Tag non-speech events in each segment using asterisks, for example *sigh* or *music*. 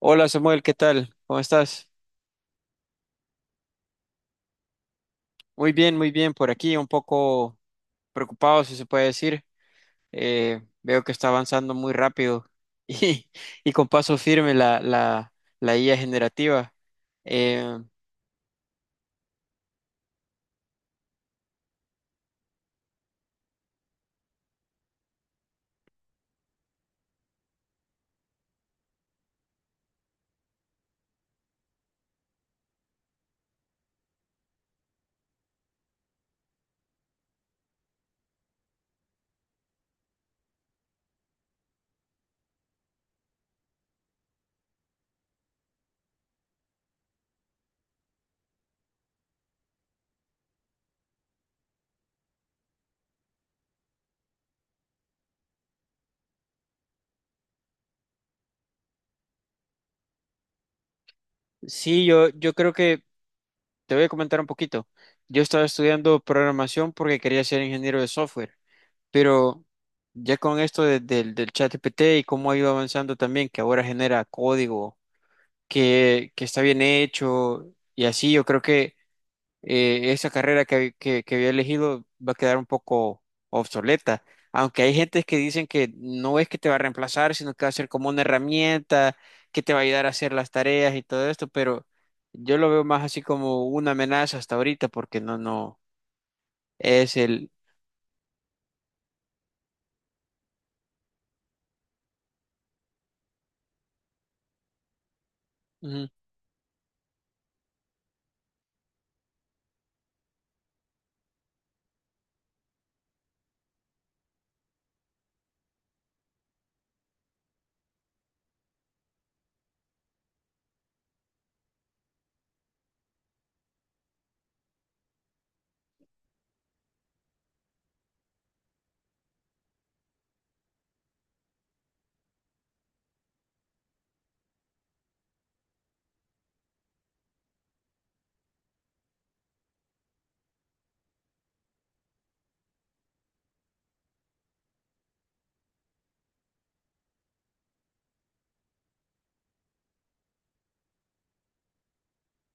Hola, Samuel, ¿qué tal? ¿Cómo estás? Muy bien, por aquí un poco preocupado, si se puede decir. Veo que está avanzando muy rápido *laughs* y, y con paso firme la IA generativa. Eh, sí, yo creo que te voy a comentar un poquito. Yo estaba estudiando programación porque quería ser ingeniero de software, pero ya con esto del ChatGPT y cómo ha ido avanzando también, que ahora genera código que está bien hecho y así. Yo creo que esa carrera que había elegido va a quedar un poco obsoleta. Aunque hay gente que dicen que no es que te va a reemplazar, sino que va a ser como una herramienta que te va a ayudar a hacer las tareas y todo esto, pero yo lo veo más así como una amenaza hasta ahorita, porque no, es el... Ujú,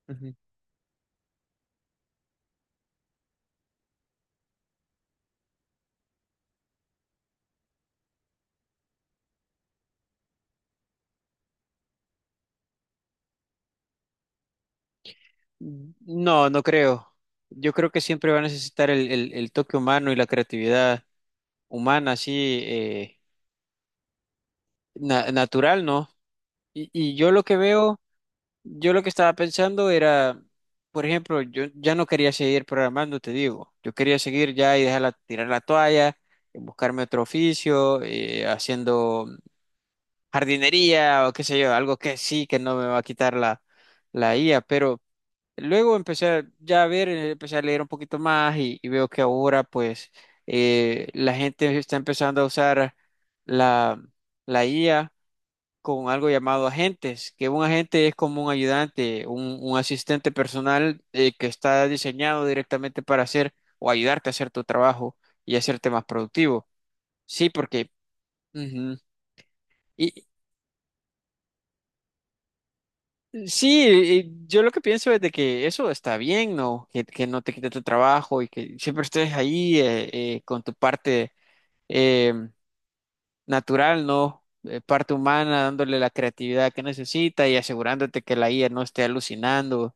ujú. No, no creo. Yo creo que siempre va a necesitar el toque humano y la creatividad humana, así natural, ¿no? Y yo lo que veo, yo lo que estaba pensando era, por ejemplo, yo ya no quería seguir programando, te digo, yo quería seguir ya y dejar tirar la toalla, buscarme otro oficio, haciendo jardinería o qué sé yo, algo que sí, que no me va a quitar la IA, pero luego ya a ver, empecé a leer un poquito más y veo que ahora pues la gente está empezando a usar la, la IA con algo llamado agentes, que un agente es como un ayudante, un asistente personal que está diseñado directamente para hacer o ayudarte a hacer tu trabajo y hacerte más productivo. Sí, porque ujú. Y sí, y yo lo que pienso es de que eso está bien, ¿no? Que no te quite tu trabajo y que siempre estés ahí con tu parte eh, natural, ¿no? Parte humana, dándole la creatividad que necesita y asegurándote que la IA no esté alucinando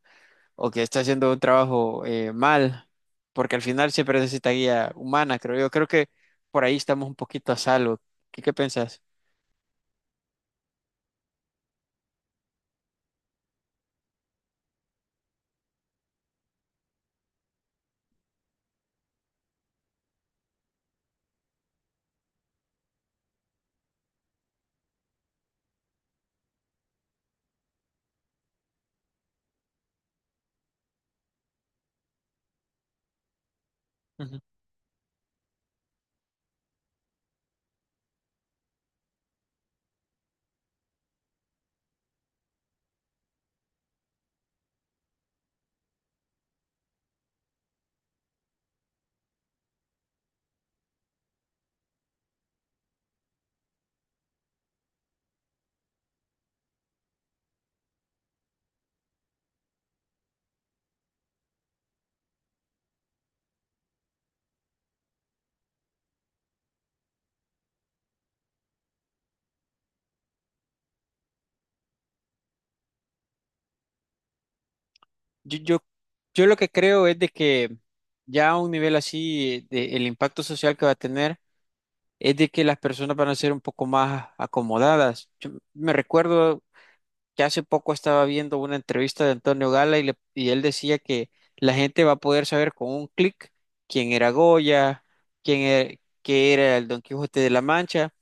o que está haciendo un trabajo mal, porque al final siempre necesita guía humana, creo yo. Creo que por ahí estamos un poquito a salvo. ¿Qué, qué pensás? Ujú. Yo, yo, yo lo que creo es de que ya a un nivel así, el impacto social que va a tener es de que las personas van a ser un poco más acomodadas. Yo me recuerdo que hace poco estaba viendo una entrevista de Antonio Gala y, y él decía que la gente va a poder saber con un clic quién era Goya, quién era, qué era el Don Quijote de la Mancha,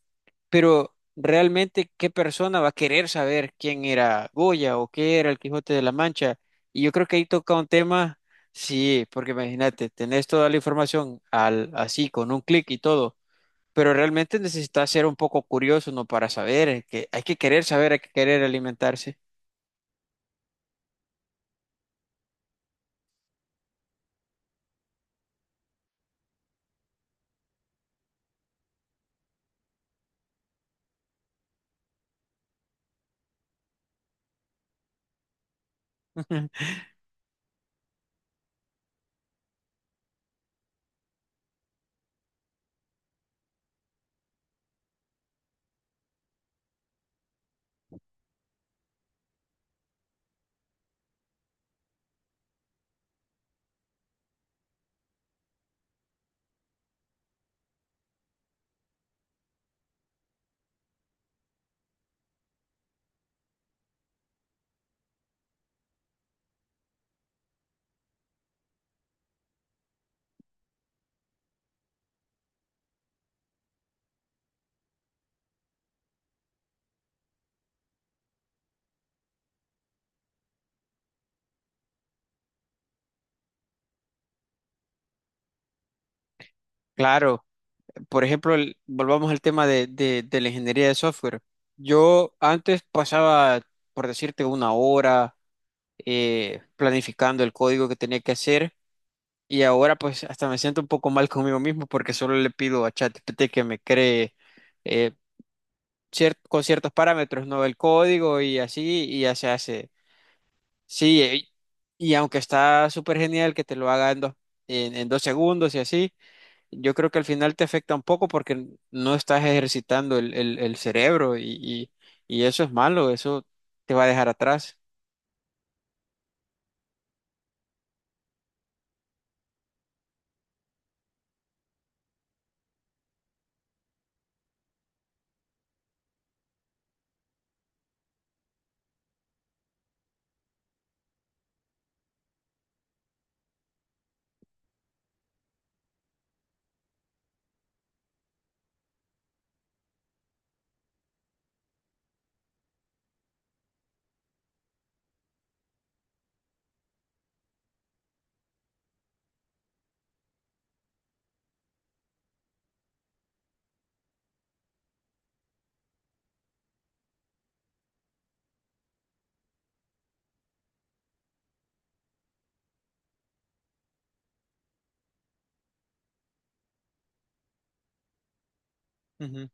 pero realmente qué persona va a querer saber quién era Goya o qué era el Quijote de la Mancha. Y yo creo que ahí toca un tema, sí, porque imagínate, tenés toda la información al, así con un clic y todo. Pero realmente necesitas ser un poco curioso, ¿no? Para saber, que hay que querer saber, hay que querer alimentarse. *laughs* Claro, por ejemplo, volvamos al tema de, de la ingeniería de software. Yo antes pasaba, por decirte, una hora planificando el código que tenía que hacer y ahora pues hasta me siento un poco mal conmigo mismo porque solo le pido a ChatGPT que me cree eh, con ciertos parámetros, ¿no? El código y así y ya se hace. Sí, y aunque está súper genial que te lo haga en dos, en dos segundos y así. Yo creo que al final te afecta un poco porque no estás ejercitando el cerebro y, y eso es malo, eso te va a dejar atrás. Ujú.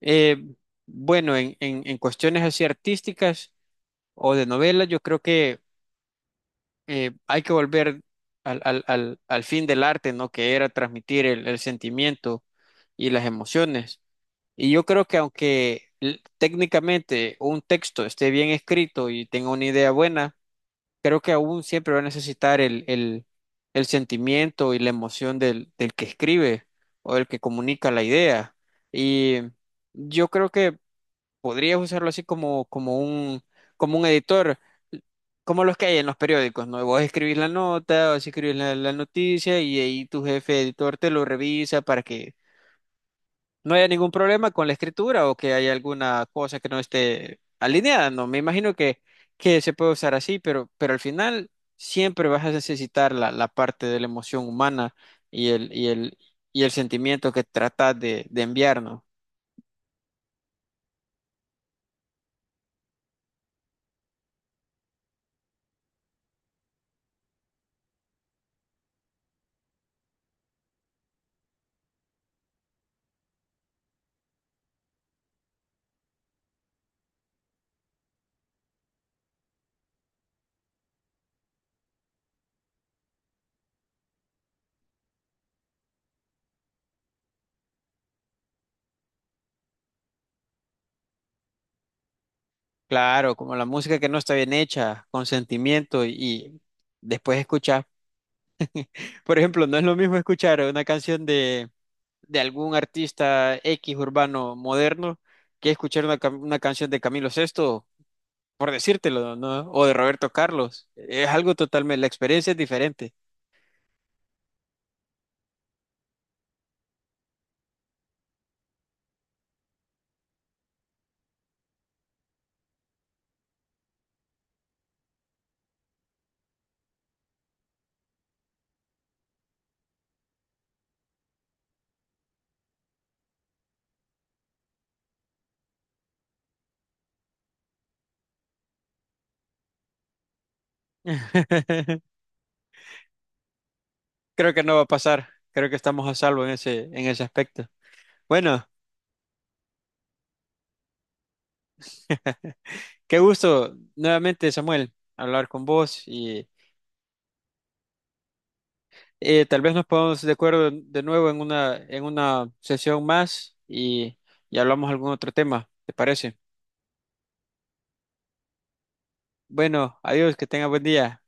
Eh, bueno, en, en cuestiones así artísticas o de novelas, yo creo que hay que volver al, al fin del arte, ¿no? Que era transmitir el sentimiento y las emociones. Y yo creo que aunque técnicamente un texto esté bien escrito y tenga una idea buena, creo que aún siempre va a necesitar el sentimiento y la emoción del que escribe o del que comunica la idea. Y yo creo que podrías usarlo así como, como un editor, como los que hay en los periódicos, ¿no? Vos escribís la nota, vos escribís la noticia y ahí tu jefe editor te lo revisa para que no haya ningún problema con la escritura o que haya alguna cosa que no esté alineada. No, me imagino que se puede usar así, pero al final siempre vas a necesitar la parte de la emoción humana y y el sentimiento que tratas de enviar, ¿no? Claro, como la música que no está bien hecha, con sentimiento y después escuchar. Por ejemplo, no es lo mismo escuchar una canción de algún artista X urbano moderno que escuchar una, una canción de Camilo VI por decírtelo, ¿no? O de Roberto Carlos. Es algo totalmente, la experiencia es diferente. *laughs* Creo que no va a pasar. Creo que estamos a salvo en ese aspecto. Bueno, qué gusto nuevamente, Samuel, hablar con vos y tal vez nos pongamos de acuerdo de nuevo en una sesión más y hablamos algún otro tema, ¿te parece? Bueno, adiós, que tenga buen día.